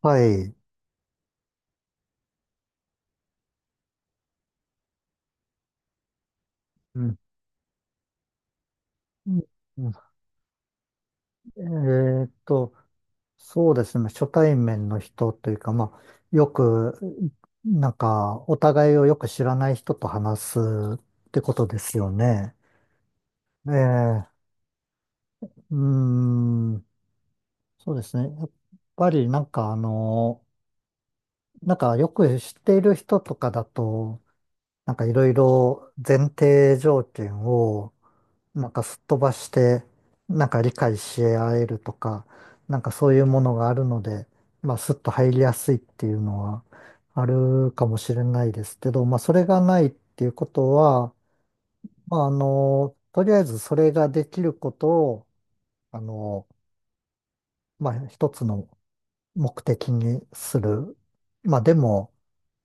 はい。うん。うんうんえーっと、そうですね。初対面の人というか、まあ、よく、なんか、お互いをよく知らない人と話すってことですよね。ええ、うーん、そうですね。やっぱり、よく知っている人とかだと、いろいろ前提条件をすっ飛ばして、理解し合えるとか、そういうものがあるので、まあすっと入りやすいっていうのはあるかもしれないですけど、まあそれがないっていうことは、まあ、とりあえずそれができることを、あの、まあ一つの目的にする。まあでも、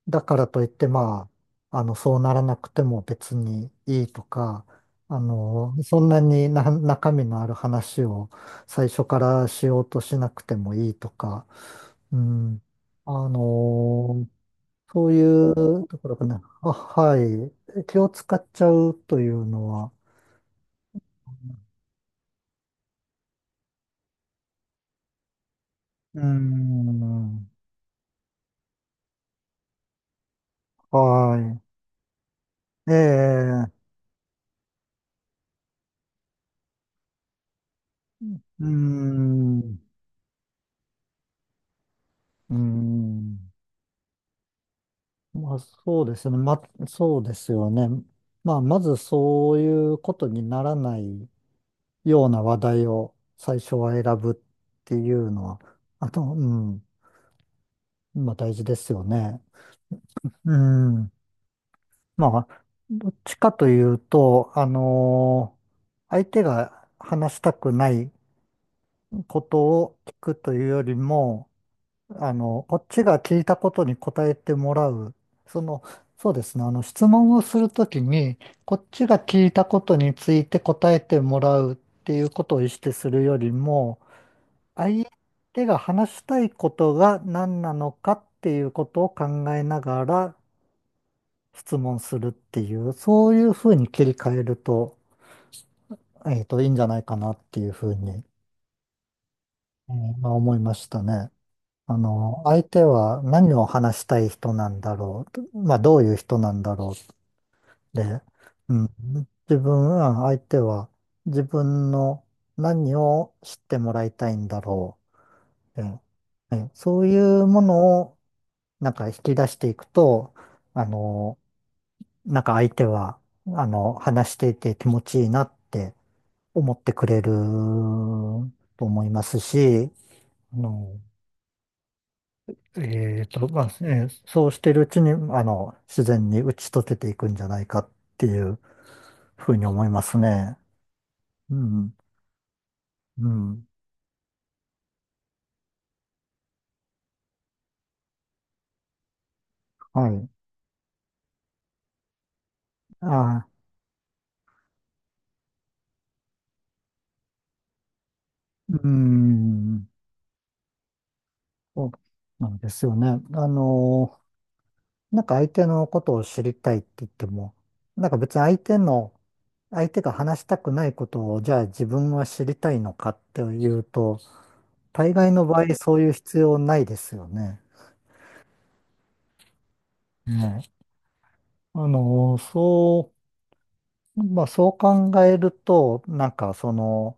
だからといって、まあ、そうならなくても別にいいとか、そんなにな中身のある話を最初からしようとしなくてもいいとか、うん、あの、そういうところかな。あ、はい。気を使っちゃうというのは、うん、はい。ええ、うん、うん。まあそうですよね。そうですよね。まあまず、そういうことにならないような話題を最初は選ぶっていうのは、あと、うん、まあ大事ですよね。うん。まあ、どっちかというと、相手が話したくないことを聞くというよりも、こっちが聞いたことに答えてもらう。その、そうですね。あの、質問をするときに、こっちが聞いたことについて答えてもらうっていうことを意識するよりも、相手が話したいことが何なのかっていうことを考えながら質問するっていう、そういうふうに切り替えると、いいんじゃないかなっていうふうに、まあ、思いましたね。あの、相手は何を話したい人なんだろうと、まあ、どういう人なんだろうって、うん、自分は相手は自分の何を知ってもらいたいんだろうって、ねそういうものを引き出していくと、あの、相手は、話していて気持ちいいなって思ってくれると思いますし、あのそうしてるうちに、あの、自然に打ち解けていくんじゃないかっていうふうに思いますね。うん、うん、はい。あー、うん、そうなんですよね。あの、相手のことを知りたいって言っても、なんか別に相手の、相手が話したくないことを、じゃあ自分は知りたいのかっていうと、大概の場合そういう必要ないですよね。ね。あの、そう、まあ、そう考えると、なんかその、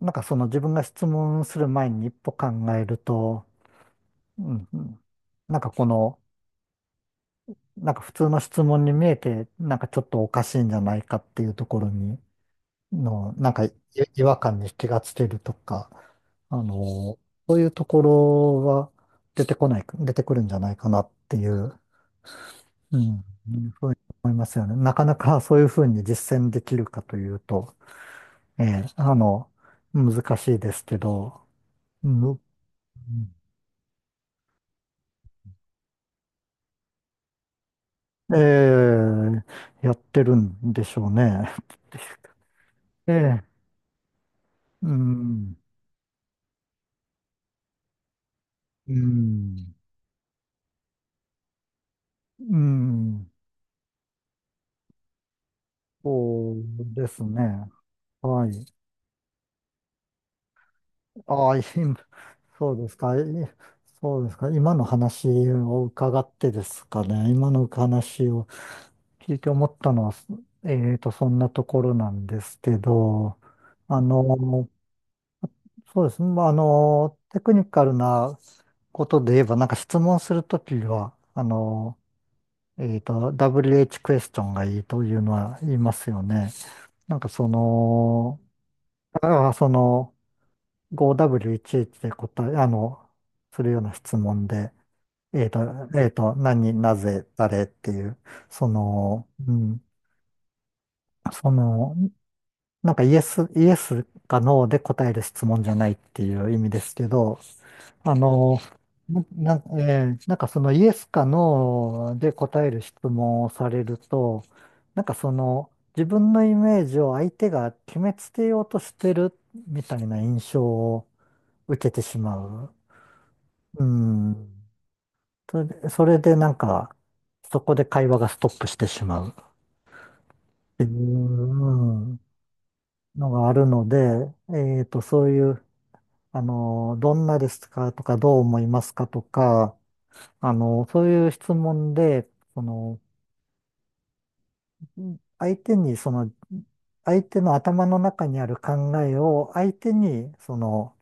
なんかその、自分が質問する前に一歩考えると、うんうん、なんかこの、なんか普通の質問に見えて、なんかちょっとおかしいんじゃないかっていうところに、の、なんかい違和感に気がつけるとか、あの、そういうところは出てこない、出てくるんじゃないかなっていう、うん、うんふうに思いますよね。なかなかそういうふうに実践できるかというと、ええ、あの、難しいですけど、うんええ、やってるんでしょうね。ええ、うん、うん。うん、そうですね。はい。ああ、今、そうですか。そうですか。今の話を伺ってですかね。今の話を聞いて思ったのは、そんなところなんですけど、あの、そうですね。テクニカルなことで言えば、なんか質問するときは、WH クエスチョンがいいというのは言いますよね。なんかその、ああ、その、5W1H で答え、あの、するような質問で、えっと、何、なぜ、誰っていう、その、うん、その、なんか、イエスかノーで答える質問じゃないっていう意味ですけど、あの、な、なえーなんかそのイエスかノーで答える質問をされると、なんかその自分のイメージを相手が決めつけようとしてるみたいな印象を受けてしまう。うん。それでなんかそこで会話がストップしてしまうっていうのがあるので、そういう、あの、どんなですかとかどう思いますかとか、あの、そういう質問で、その、相手に、相手の頭の中にある考えを、相手に、その、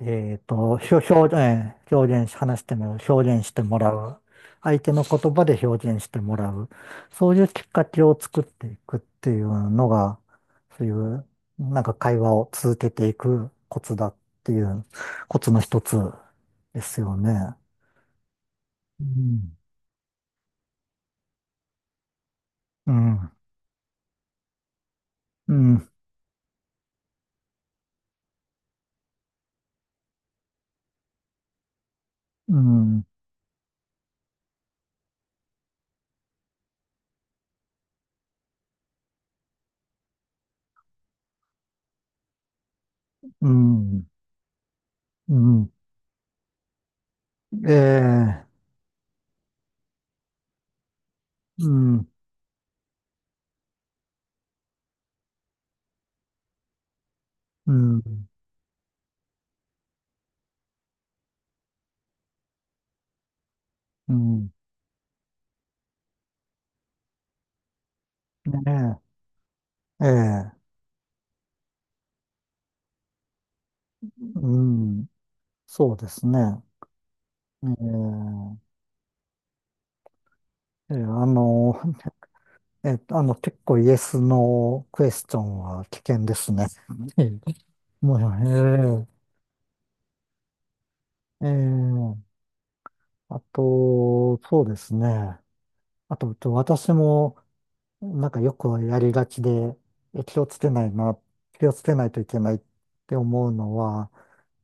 えっと、表、表、えー表現し、話してもらう、表現してもらう。相手の言葉で表現してもらう。そういうきっかけを作っていくっていうのが、そういう、なんか会話を続けていくコツだっていう、コツの一つですよね。うんうん。うん。うん。うん、うん、ええ、うん、うん、うん、ねえ、ええ、うん、そうですね。ええ、ええあの、結構、イエスのクエスチョンは危険ですね。ええもう、ええ、ええ、あと、そうですね。あと、私も、なんかよくやりがちで、え気をつけないな、気をつけないといけないって思うのは、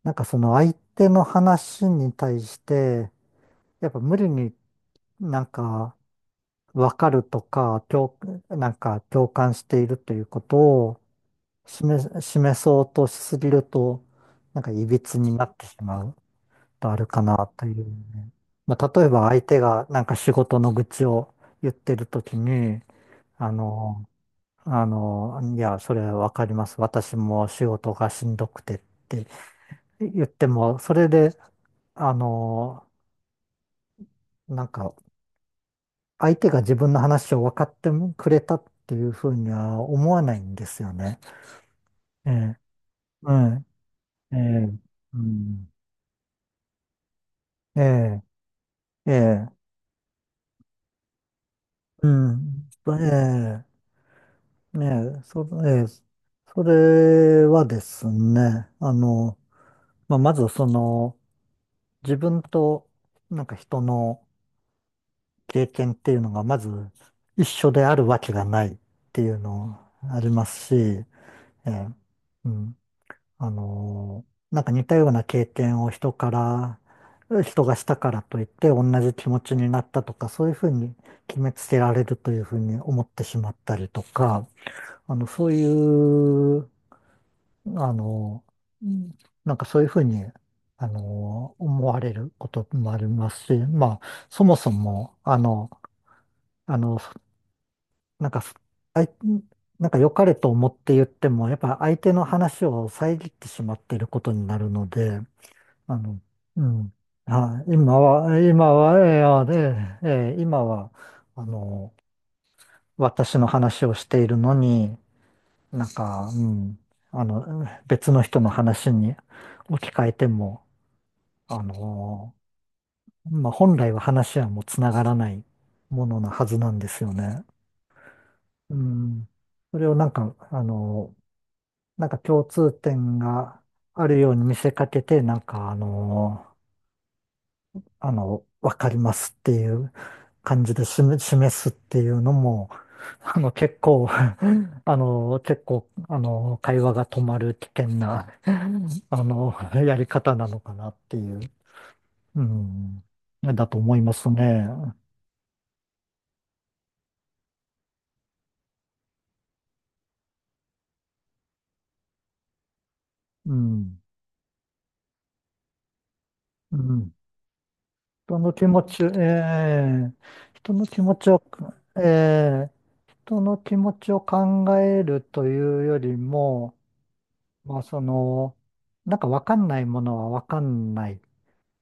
相手の話に対して、やっぱ無理になんか分かるとか、共、なんか共感しているということを示そうとしすぎると、なんか歪になってしまうとあるかなというね。まあ、例えば相手がなんか仕事の愚痴を言ってるときに、あの、いや、それわかります。私も仕事がしんどくてって言っても、それで、あの、なんか、相手が自分の話を分かってくれたっていうふうには思わないんですよね。ええ、うん、ええ、うん、ええ、ええ、うん、ええ、ええ、そ、ええ、それはですね、まあ、まずその、自分と、なんか人の経験っていうのがまず一緒であるわけがないっていうのありますし、ええうん、なんか似たような経験を人がしたからといって同じ気持ちになったとか、そういうふうに決めつけられるというふうに思ってしまったりとか、あの、そういう、あのーうんなんかそういうふうに、思われることもありますし、まあ、そもそも、あの、あの、なんかあい、なんか良かれと思って言っても、やっぱ相手の話を遮ってしまっていることになるので、あの、うん。あ、今は、今は、えーあでえー今は、あの、私の話をしているのに、なんか、うん、別の人の話に置き換えても、あの、まあ、本来は話はもうつながらないものなはずなんですよね。うん。それを、共通点があるように見せかけて、わかりますっていう感じで示すっていうのも、あの、結構、あの、会話が止まる危険なあのやり方なのかなっていう、うん、だと思いますね。うん。うん。人の気持ち、ええ人の気持ちを、ええ人の気持ちを考えるというよりも、まあその、なんかわかんないものはわかんない。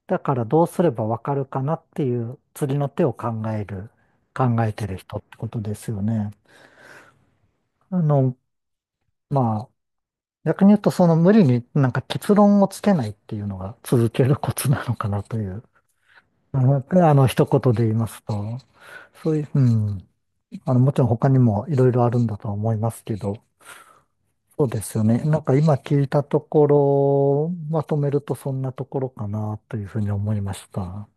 だからどうすればわかるかなっていう次の手を考える、考えてる人ってことですよね。あの、まあ、逆に言うとその無理になんか結論をつけないっていうのが続けるコツなのかなという、あの、あの一言で言いますと、そういう、うん、あの、もちろん他にもいろいろあるんだとは思いますけど、そうですよね。なんか今聞いたところ、まとめるとそんなところかなというふうに思いました。